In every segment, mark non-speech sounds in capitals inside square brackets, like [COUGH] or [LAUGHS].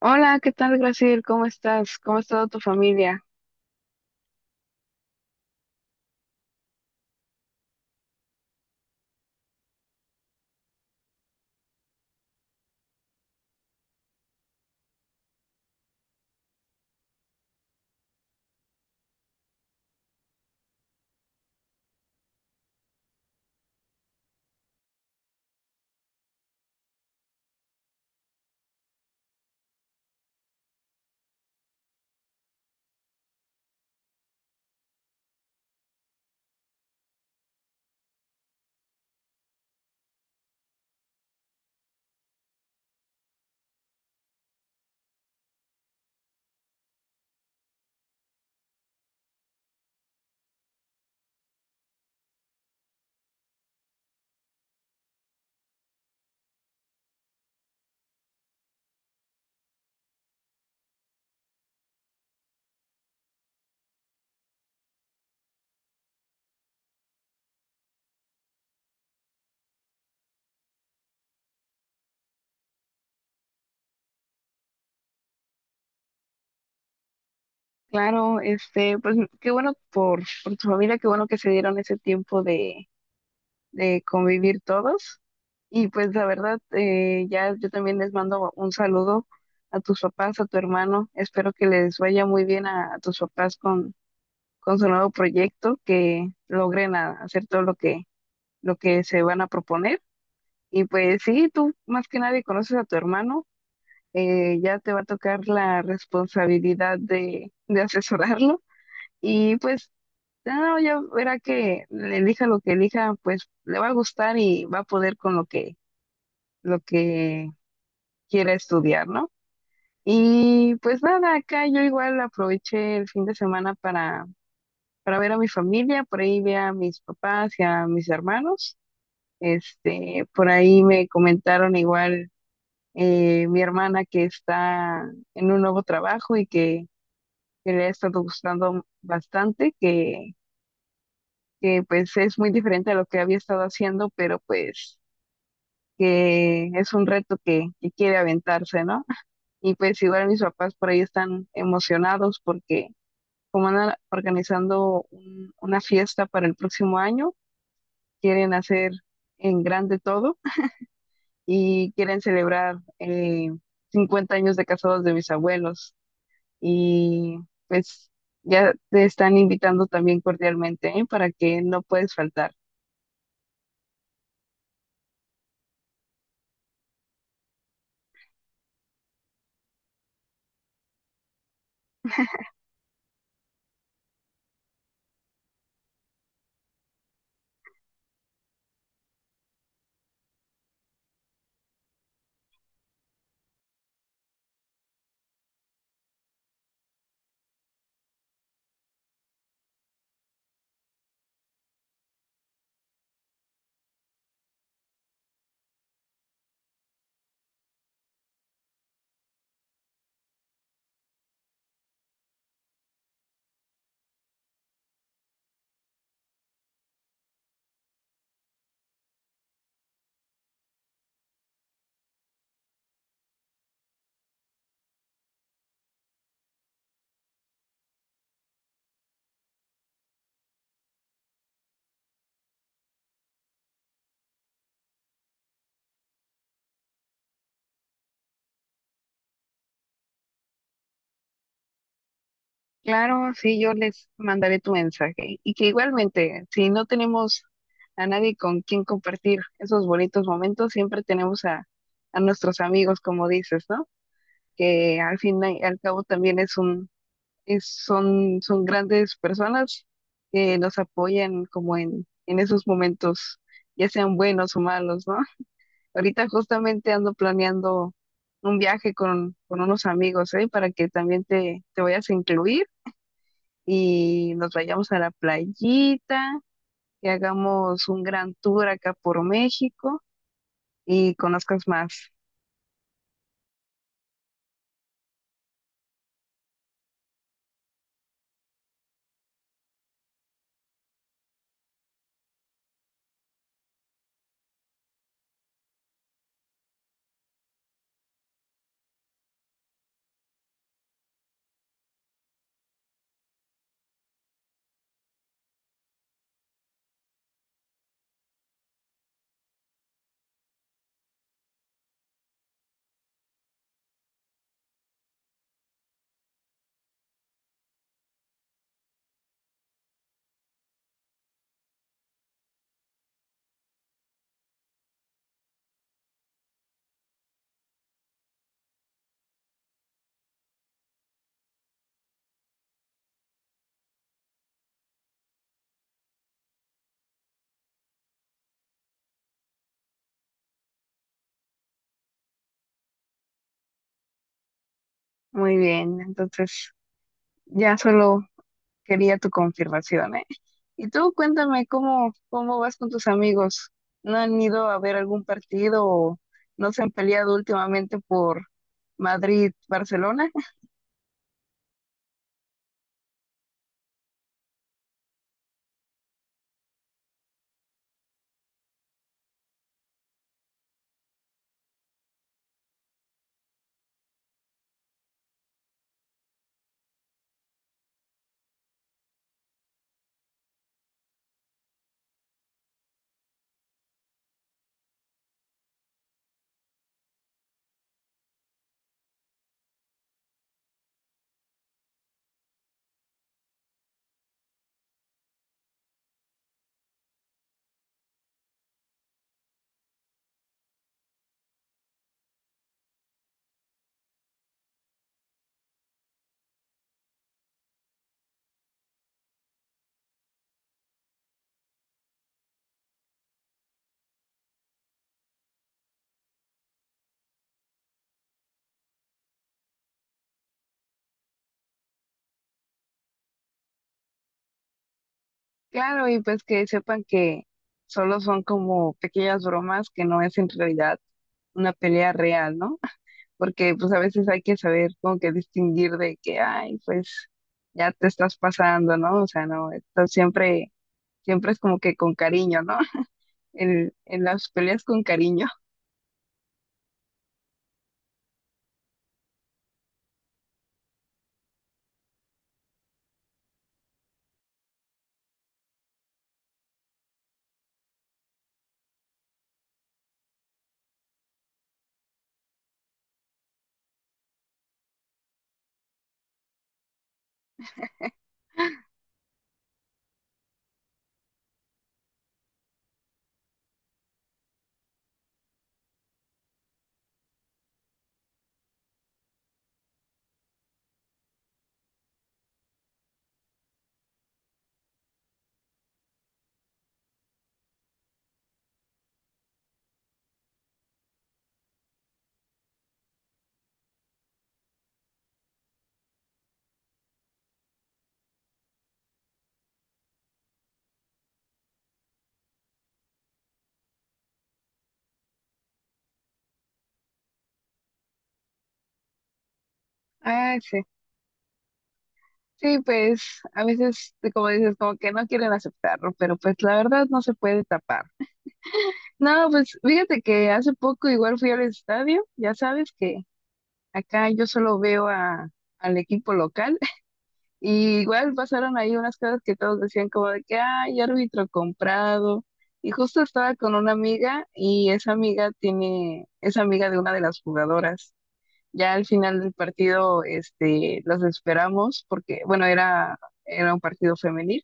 Hola, ¿qué tal, Graciel? ¿Cómo estás? ¿Cómo ha estado tu familia? Claro, este, pues qué bueno por tu familia, qué bueno que se dieron ese tiempo de convivir todos. Y pues la verdad, ya yo también les mando un saludo a tus papás, a tu hermano. Espero que les vaya muy bien a tus papás con su nuevo proyecto, que logren hacer todo lo lo que se van a proponer. Y pues sí, tú más que nadie conoces a tu hermano. Ya te va a tocar la responsabilidad de asesorarlo y pues ya, no, ya verá que elija lo que elija, pues le va a gustar y va a poder con lo que quiera estudiar, ¿no? Y pues nada, acá yo igual aproveché el fin de semana para ver a mi familia, por ahí vi a mis papás y a mis hermanos. Este, por ahí me comentaron igual mi hermana que está en un nuevo trabajo y que le ha estado gustando bastante, que pues es muy diferente a lo que había estado haciendo, pero pues que es un reto que quiere aventarse, ¿no? Y pues igual mis papás por ahí están emocionados porque como andan organizando una fiesta para el próximo año, quieren hacer en grande todo y quieren celebrar 50 años de casados de mis abuelos. Y pues ya te están invitando también cordialmente, ¿eh? Para que no puedes faltar. Claro, sí, yo les mandaré tu mensaje y que igualmente, si no tenemos a nadie con quien compartir esos bonitos momentos, siempre tenemos a nuestros amigos, como dices, ¿no? Que al fin y al cabo también es es, son, son grandes personas que nos apoyan como en esos momentos, ya sean buenos o malos, ¿no? Ahorita justamente ando planeando un viaje con unos amigos, ¿eh? Para que también te vayas a incluir y nos vayamos a la playita, que hagamos un gran tour acá por México y conozcas más. Muy bien, entonces ya solo quería tu confirmación, ¿eh? Y tú cuéntame cómo vas con tus amigos. ¿No han ido a ver algún partido o no se han peleado últimamente por Madrid-Barcelona? Claro, y pues que sepan que solo son como pequeñas bromas que no es en realidad una pelea real, ¿no? [LAUGHS] Porque pues a veces hay que saber como que distinguir de que, ay, pues ya te estás pasando, ¿no? O sea, no, esto siempre es como que con cariño, ¿no? [LAUGHS] En las peleas con cariño. [LAUGHS] Ah, sí. Sí, pues a veces, como dices, como que no quieren aceptarlo, pero pues la verdad no se puede tapar. No, pues fíjate que hace poco igual fui al estadio, ya sabes que acá yo solo al equipo local [LAUGHS] y igual pasaron ahí unas cosas que todos decían como de que, ay, árbitro comprado. Y justo estaba con una amiga y esa amiga tiene, es amiga de una de las jugadoras. Ya al final del partido, este, las esperamos porque, bueno, era un partido femenil.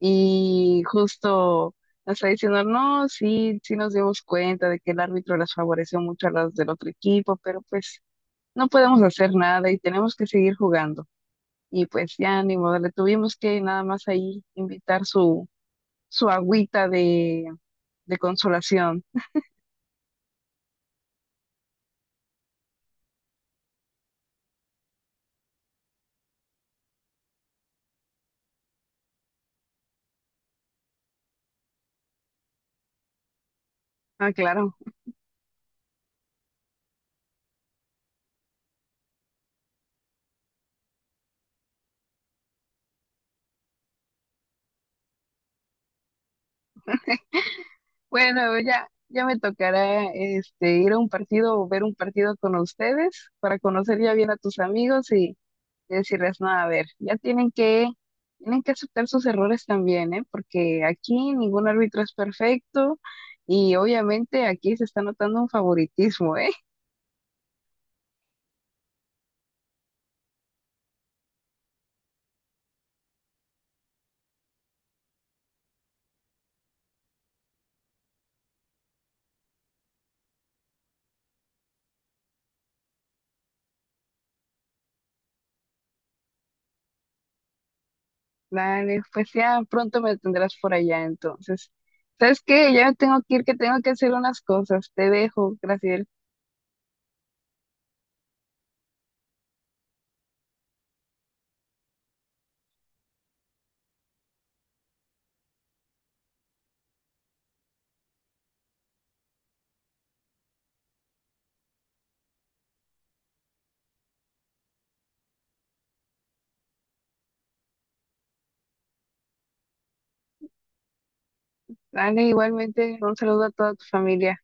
Y justo nos está diciendo, no, sí, sí nos dimos cuenta de que el árbitro las favoreció mucho a las del otro equipo, pero pues no podemos hacer nada y tenemos que seguir jugando. Y pues ya ni modo, le tuvimos que nada más ahí invitar su agüita de consolación. Ah, claro. Bueno, ya me tocará este ir a un partido o ver un partido con ustedes para conocer ya bien a tus amigos y decirles, no, a ver, ya tienen que aceptar sus errores también, ¿eh? Porque aquí ningún árbitro es perfecto y obviamente aquí se está notando un favoritismo, ¿eh? [LAUGHS] Dale, pues ya pronto me tendrás por allá entonces. ¿Sabes qué? Ya me tengo que ir, que tengo que hacer unas cosas. Te dejo, Graciela. Dale, igualmente, un saludo a toda tu familia.